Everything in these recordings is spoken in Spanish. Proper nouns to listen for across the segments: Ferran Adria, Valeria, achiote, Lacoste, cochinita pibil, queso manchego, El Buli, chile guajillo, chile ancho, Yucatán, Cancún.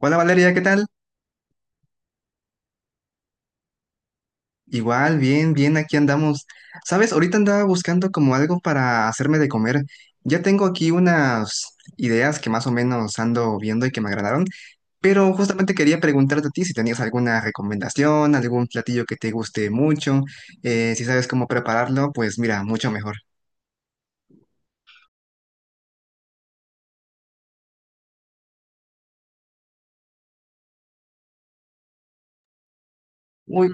Hola Valeria, ¿qué tal? Igual, bien, bien, aquí andamos. Sabes, ahorita andaba buscando como algo para hacerme de comer. Ya tengo aquí unas ideas que más o menos ando viendo y que me agradaron, pero justamente quería preguntarte a ti si tenías alguna recomendación, algún platillo que te guste mucho, si sabes cómo prepararlo, pues mira, mucho mejor. Uy,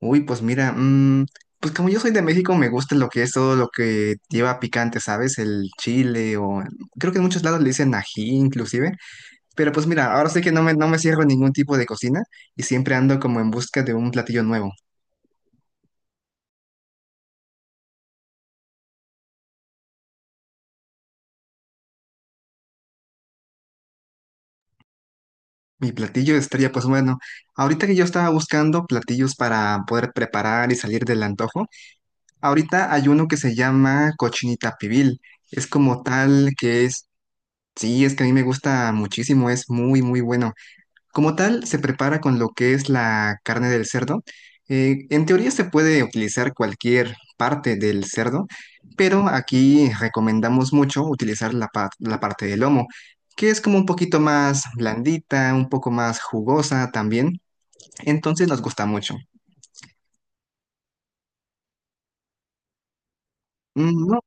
Uy, pues mira, pues como yo soy de México, me gusta lo que es todo lo que lleva picante, ¿sabes? El chile o creo que en muchos lados le dicen ají inclusive. Pero pues mira, ahora sí que no me cierro en ningún tipo de cocina y siempre ando como en busca de un platillo nuevo. Mi platillo estrella, pues bueno, ahorita que yo estaba buscando platillos para poder preparar y salir del antojo, ahorita hay uno que se llama cochinita pibil. Es como tal que es, sí, es que a mí me gusta muchísimo, es muy, muy bueno. Como tal, se prepara con lo que es la carne del cerdo. En teoría se puede utilizar cualquier parte del cerdo, pero aquí recomendamos mucho utilizar la, la parte del lomo, que es como un poquito más blandita, un poco más jugosa también, entonces nos gusta mucho. Mm,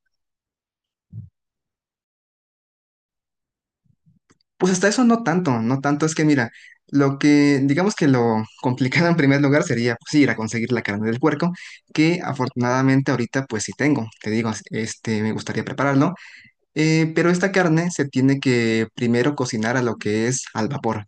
Pues hasta eso no tanto, no tanto. Es que mira, lo que digamos que lo complicado en primer lugar sería pues, sí, ir a conseguir la carne del puerco, que afortunadamente ahorita pues sí tengo. Te digo, este, me gustaría prepararlo, pero esta carne se tiene que primero cocinar a lo que es al vapor.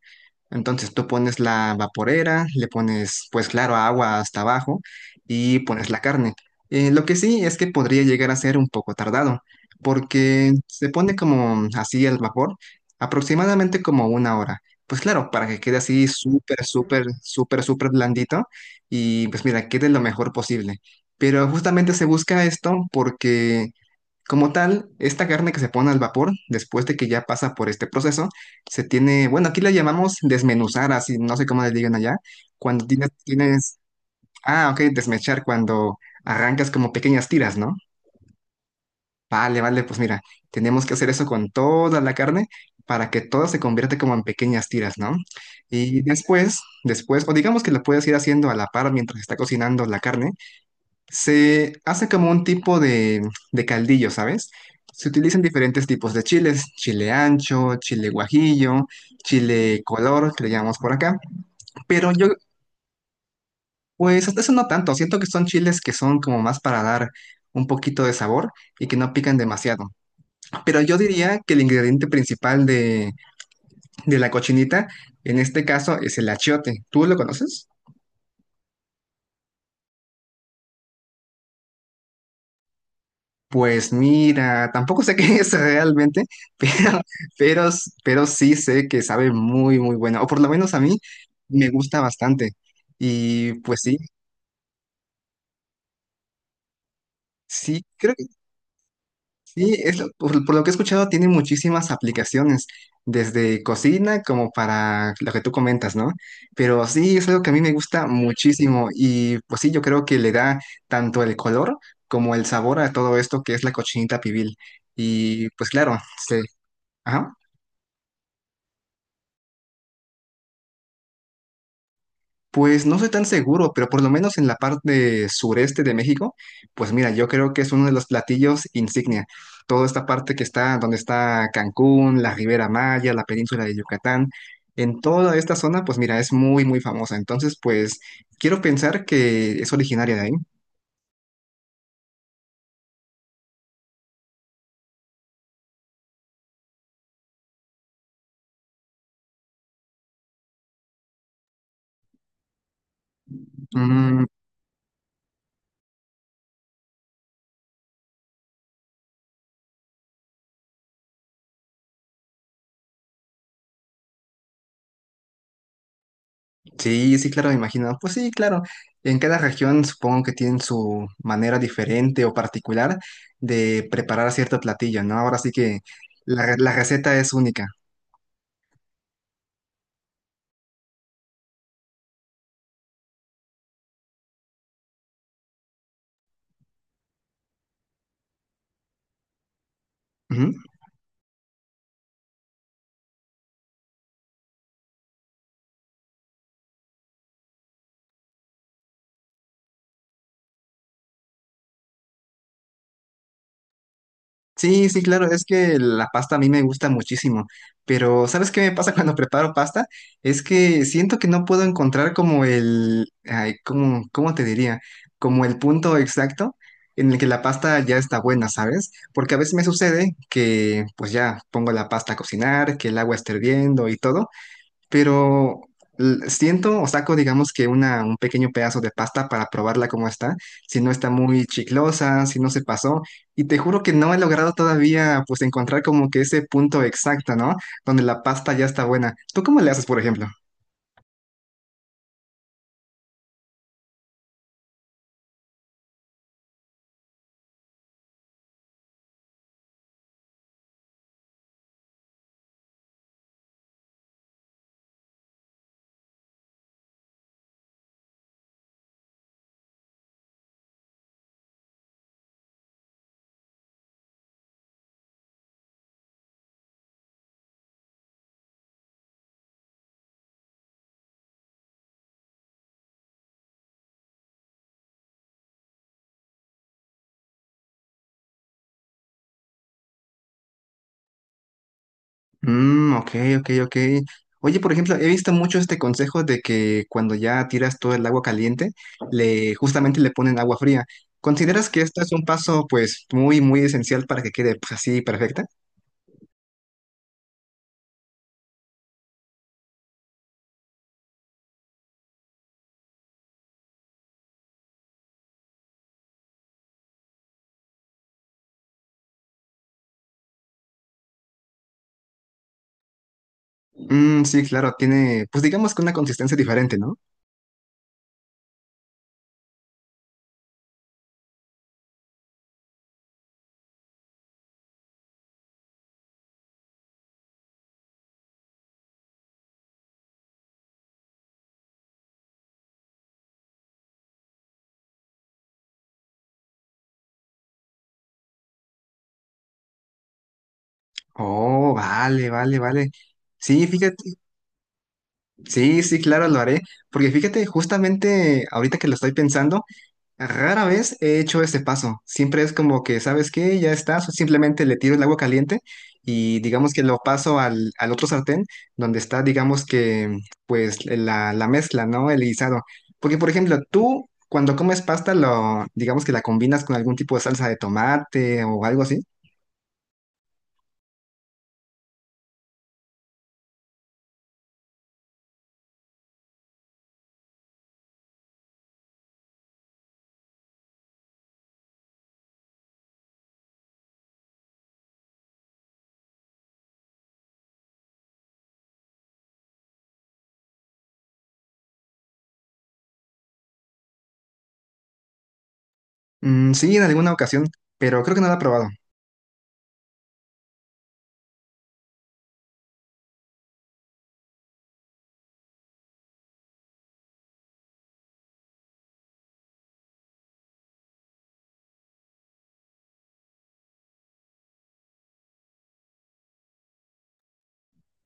Entonces tú pones la vaporera, le pones, pues claro, agua hasta abajo y pones la carne. Lo que sí es que podría llegar a ser un poco tardado, porque se pone como así al vapor, aproximadamente como una hora. Pues claro, para que quede así súper, súper, súper, súper blandito y pues mira, quede lo mejor posible. Pero justamente se busca esto porque como tal, esta carne que se pone al vapor, después de que ya pasa por este proceso, se tiene, bueno, aquí la llamamos desmenuzar, así, no sé cómo le digan allá, cuando tienes, ah, ok, desmechar, cuando arrancas como pequeñas tiras, ¿no? Vale, vale, pues mira, tenemos que hacer eso con toda la carne para que todo se convierta como en pequeñas tiras, ¿no? Y después, o digamos que lo puedes ir haciendo a la par mientras está cocinando la carne, se hace como un tipo de caldillo, ¿sabes? Se utilizan diferentes tipos de chiles, chile ancho, chile guajillo, chile color, que le llamamos por acá. Pero yo, pues hasta eso no tanto, siento que son chiles que son como más para dar un poquito de sabor y que no pican demasiado. Pero yo diría que el ingrediente principal de la cochinita, en este caso, es el achiote. ¿Tú lo conoces? Pues mira, tampoco sé qué es realmente, pero, pero, pero sí sé que sabe muy, muy bueno, o por lo menos a mí me gusta bastante. Y pues sí, sí, creo que sí, por lo que he escuchado tiene muchísimas aplicaciones, desde cocina como para lo que tú comentas, ¿no? Pero sí, es algo que a mí me gusta muchísimo y pues sí, yo creo que le da tanto el color como el sabor a todo esto que es la cochinita pibil. Y pues claro, sí. Ajá. Pues no soy tan seguro, pero por lo menos en la parte sureste de México, pues mira, yo creo que es uno de los platillos insignia. Toda esta parte que está, donde está Cancún, la Ribera Maya, la península de Yucatán, en toda esta zona, pues mira, es muy, muy famosa. Entonces, pues quiero pensar que es originaria de ahí. Mm, sí, sí, claro, me imagino. Pues sí, claro. En cada región supongo que tienen su manera diferente o particular de preparar cierto platillo, ¿no? Ahora sí que... la receta es única. Ujú. Sí, sí, claro, es que la pasta a mí me gusta muchísimo, pero ¿sabes qué me pasa cuando preparo pasta? Es que siento que no puedo encontrar como el, ay, ¿cómo te diría? Como el punto exacto en el que la pasta ya está buena, ¿sabes? Porque a veces me sucede que pues ya pongo la pasta a cocinar, que el agua está hirviendo y todo. Pero siento o saco, digamos, que una, un pequeño pedazo de pasta para probarla como está, si no está muy chiclosa, si no se pasó, y te juro que no he logrado todavía, pues, encontrar como que ese punto exacto, ¿no? Donde la pasta ya está buena. ¿Tú cómo le haces, por ejemplo? Mmm, ok, ok, ok. Oye, por ejemplo, he visto mucho este consejo de que cuando ya tiras todo el agua caliente, le justamente le ponen agua fría. ¿Consideras que esto es un paso, pues, muy, muy esencial para que quede, pues, así perfecta? Sí, claro, tiene, pues digamos que una consistencia diferente, ¿no? Oh, vale, vale, vale. Sí, fíjate, sí, sí, claro, lo haré, porque fíjate, justamente ahorita que lo estoy pensando, rara vez he hecho este paso. Siempre es como que, ¿sabes qué? Ya está, simplemente le tiro el agua caliente y digamos que lo paso al otro sartén donde está, digamos que, pues la mezcla, ¿no? El guisado. Porque, por ejemplo, tú... Cuando comes pasta, lo, digamos que la combinas con algún tipo de salsa de tomate o algo así. Sí, en alguna ocasión, pero creo que no la he probado.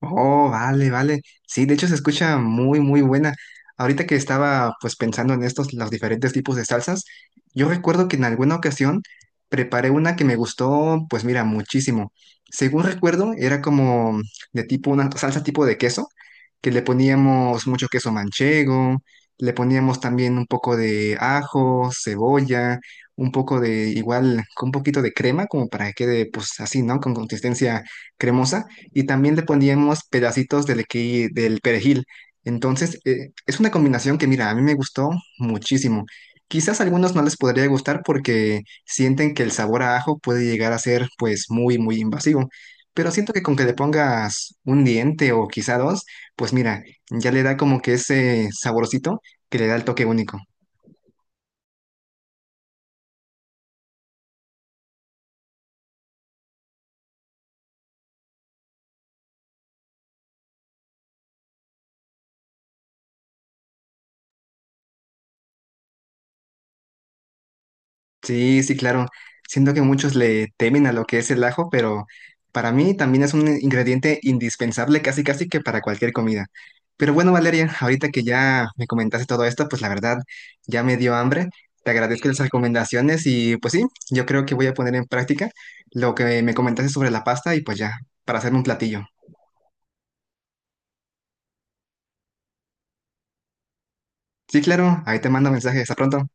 Oh, vale, vale. Sí, de hecho se escucha muy, muy buena. Ahorita que estaba pues pensando en estos, los diferentes tipos de salsas, yo recuerdo que en alguna ocasión preparé una que me gustó, pues mira, muchísimo. Según recuerdo, era como de tipo una salsa tipo de queso, que le poníamos mucho queso manchego, le poníamos también un poco de ajo, cebolla, un poco de igual, con un poquito de crema, como para que quede pues así, ¿no? Con consistencia cremosa y también le poníamos pedacitos del perejil. Entonces, es una combinación que, mira, a mí me gustó muchísimo. Quizás a algunos no les podría gustar porque sienten que el sabor a ajo puede llegar a ser, pues, muy, muy invasivo. Pero siento que con que le pongas un diente o quizá dos, pues mira, ya le da como que ese saborcito que le da el toque único. Sí, sí, claro. Siento que muchos le temen a lo que es el ajo, pero para mí también es un ingrediente indispensable casi casi que para cualquier comida. Pero bueno, Valeria, ahorita que ya me comentaste todo esto, pues la verdad ya me dio hambre. Te agradezco las recomendaciones y pues sí, yo creo que voy a poner en práctica lo que me comentaste sobre la pasta y pues ya, para hacer un platillo. Sí, claro, ahí te mando mensaje. Hasta pronto.